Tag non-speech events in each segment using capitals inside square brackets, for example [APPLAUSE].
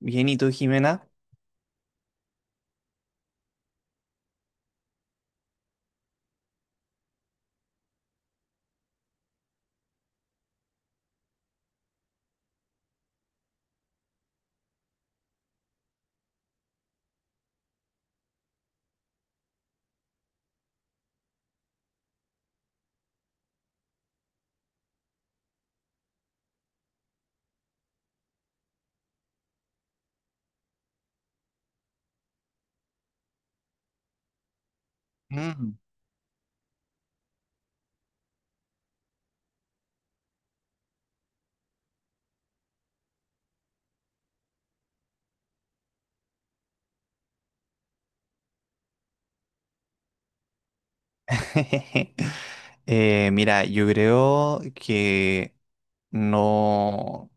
Bien, ¿y tú, Jimena? [LAUGHS] Mira, yo creo que no...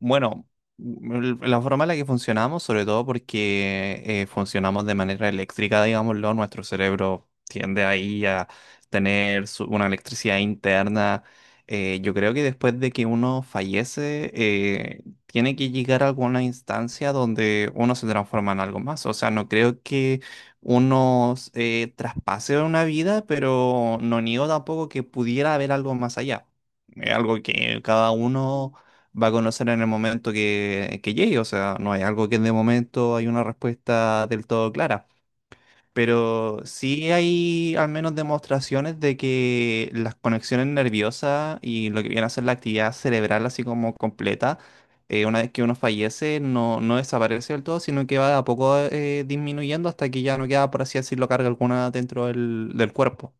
Bueno, la forma en la que funcionamos, sobre todo porque funcionamos de manera eléctrica, digámoslo, nuestro cerebro tiende ahí a tener una electricidad interna. Yo creo que después de que uno fallece, tiene que llegar a alguna instancia donde uno se transforma en algo más. O sea, no creo que unos traspases de una vida, pero no niego tampoco que pudiera haber algo más allá. Es algo que cada uno va a conocer en el momento que llegue, o sea, no hay algo que de momento hay una respuesta del todo clara. Pero sí hay al menos demostraciones de que las conexiones nerviosas y lo que viene a ser la actividad cerebral así como completa, una vez que uno fallece, no desaparece del todo, sino que va de a poco disminuyendo hasta que ya no queda, por así decirlo, carga alguna dentro del cuerpo.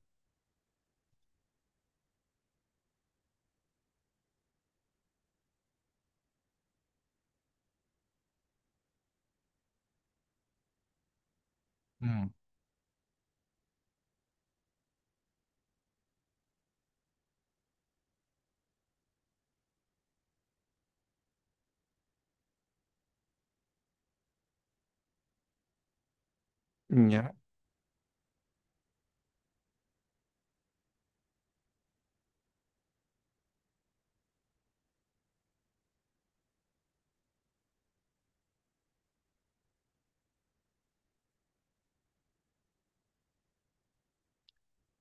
Mm. Ya.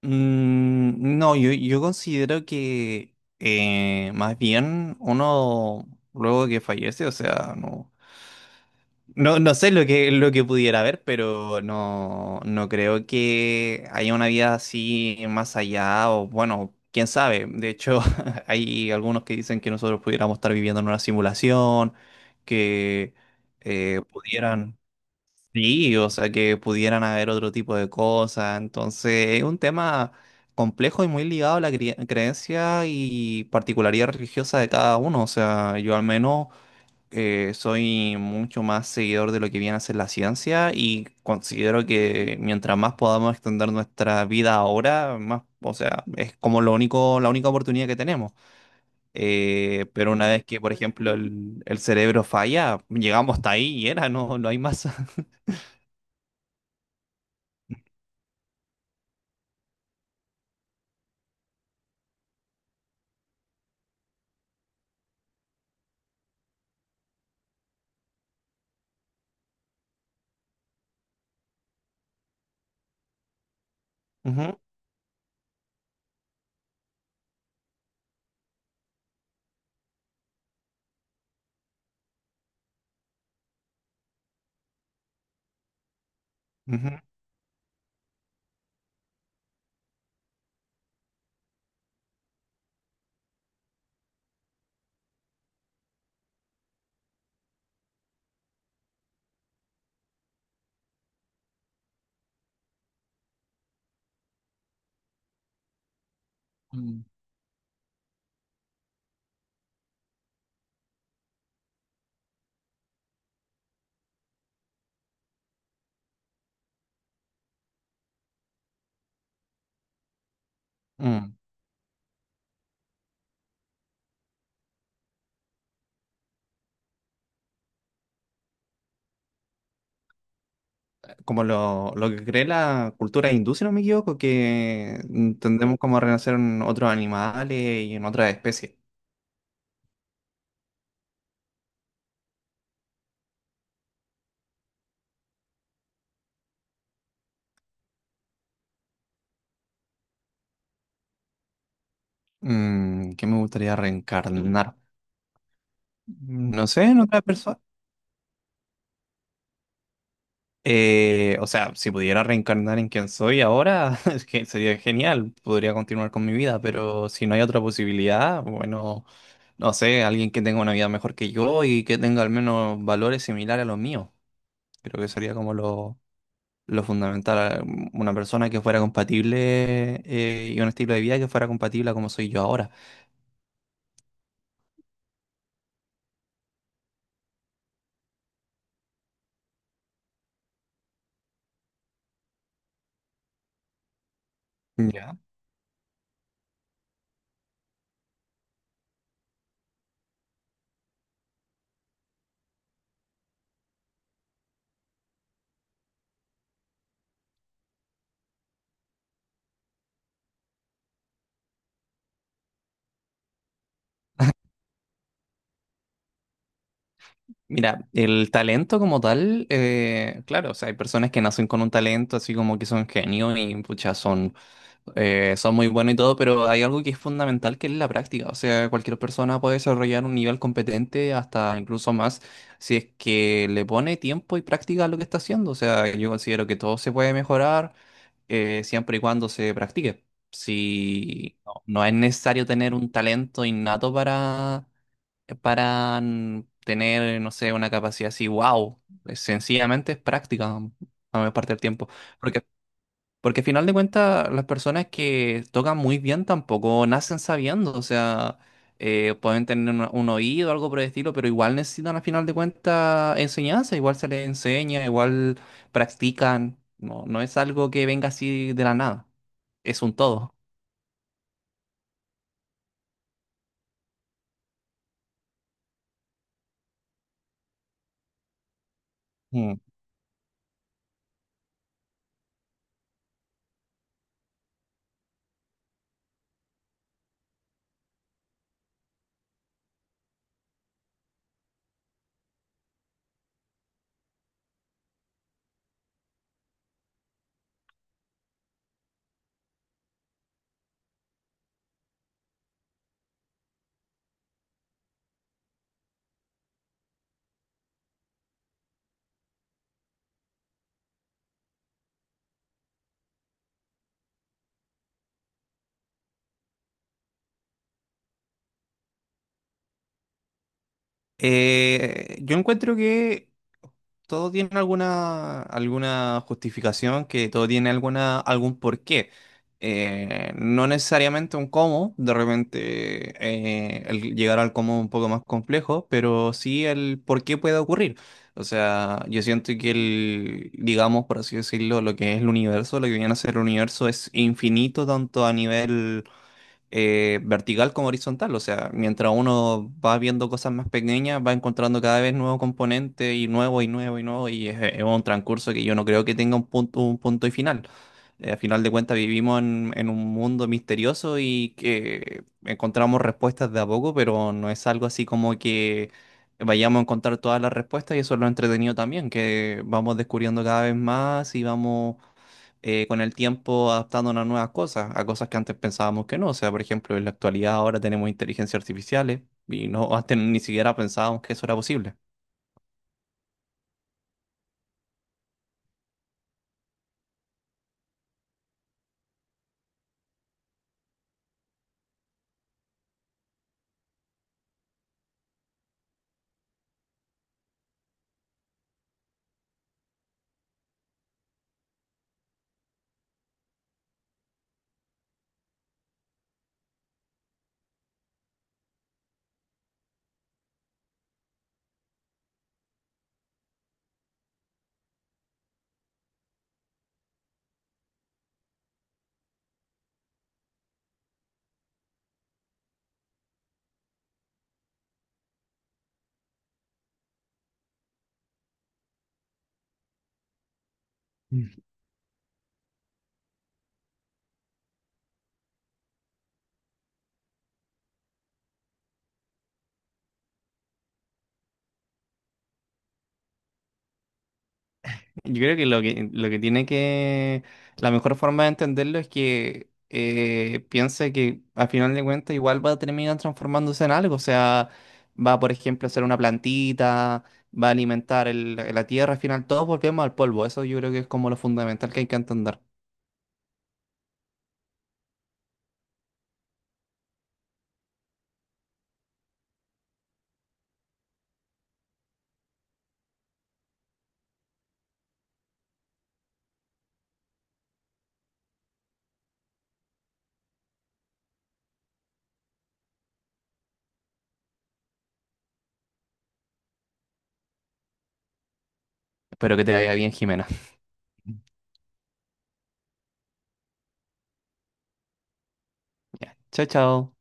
Mm, no, yo considero que más bien uno luego que fallece, o sea, no. No, no sé lo que pudiera haber, pero no, no creo que haya una vida así más allá, o bueno, quién sabe. De hecho, [LAUGHS] hay algunos que dicen que nosotros pudiéramos estar viviendo en una simulación, que eh, pudieran, sí, o sea, que pudieran haber otro tipo de cosas. Entonces, es un tema complejo y muy ligado a la creencia y particularidad religiosa de cada uno. O sea, yo al menos soy mucho más seguidor de lo que viene a ser la ciencia y considero que mientras más podamos extender nuestra vida ahora, más, o sea, es como lo único, la única oportunidad que tenemos. Pero una vez que, por ejemplo, el cerebro falla, llegamos hasta ahí y era, no, no hay más. [LAUGHS] Ujú, ujú. Mm. Mm, como lo que cree la cultura hindú, si no me equivoco, que mm, tendemos como a renacer en otros animales y en otras especies. Mm, ¿qué me gustaría reencarnar? No sé, en otra persona. O sea, si pudiera reencarnar en quien soy ahora, [LAUGHS] es que sería genial, podría continuar con mi vida, pero si no hay otra posibilidad, bueno, no sé, alguien que tenga una vida mejor que yo y que tenga al menos valores similares a los míos. Creo que sería como lo fundamental, una persona que fuera compatible y un estilo de vida que fuera compatible a como soy yo ahora. Ya. Mira, el talento como tal, claro, o sea, hay personas que nacen con un talento, así como que son genios y pucha, son, son muy buenos y todo, pero hay algo que es fundamental que es la práctica. O sea, cualquier persona puede desarrollar un nivel competente hasta incluso más si es que le pone tiempo y práctica a lo que está haciendo. O sea, yo considero que todo se puede mejorar siempre y cuando se practique. Si no no es necesario tener un talento innato para mm, tener, no sé, una capacidad así, wow, sencillamente es práctica mm, la mayor parte del tiempo. Porque, porque al final de cuentas, las personas que tocan muy bien tampoco nacen sabiendo, o sea, pueden tener un oído, algo por el estilo, pero igual necesitan al final de cuentas enseñanza, igual se les enseña, igual practican, no es algo que venga así de la nada, es un todo. Mm. Yo encuentro que todo tiene alguna, alguna justificación, que todo tiene alguna, algún porqué. No necesariamente un cómo, de repente el llegar al cómo es un poco más complejo, pero sí el por qué puede ocurrir. O sea, yo siento que el, digamos, por así decirlo, lo que es el universo, lo que viene a ser el universo es infinito tanto a nivel vertical como horizontal. O sea, mientras uno va viendo cosas más pequeñas, va encontrando cada vez nuevos componentes y nuevo y nuevo y nuevo. Y es un transcurso que yo no creo que tenga un punto y final. A final de cuentas, vivimos en un mundo misterioso y que encontramos respuestas de a poco, pero no es algo así como que vayamos a encontrar todas las respuestas. Y eso es lo entretenido también, que vamos descubriendo cada vez más y vamos con el tiempo adaptándonos a nuevas cosas, a cosas que antes pensábamos que no. O sea, por ejemplo, en la actualidad ahora tenemos inteligencias artificiales y no antes ni siquiera pensábamos que eso era posible. Yo creo que lo que, lo que tiene que, la mejor forma de entenderlo es que piense que al final de cuentas igual va a terminar transformándose en algo. O sea, va, por ejemplo, a ser una plantita. Va a alimentar la tierra, al final todos volvemos al polvo. Eso yo creo que es como lo fundamental que hay que entender. Espero que te vaya bien, Jimena. Ya. Chao, chao.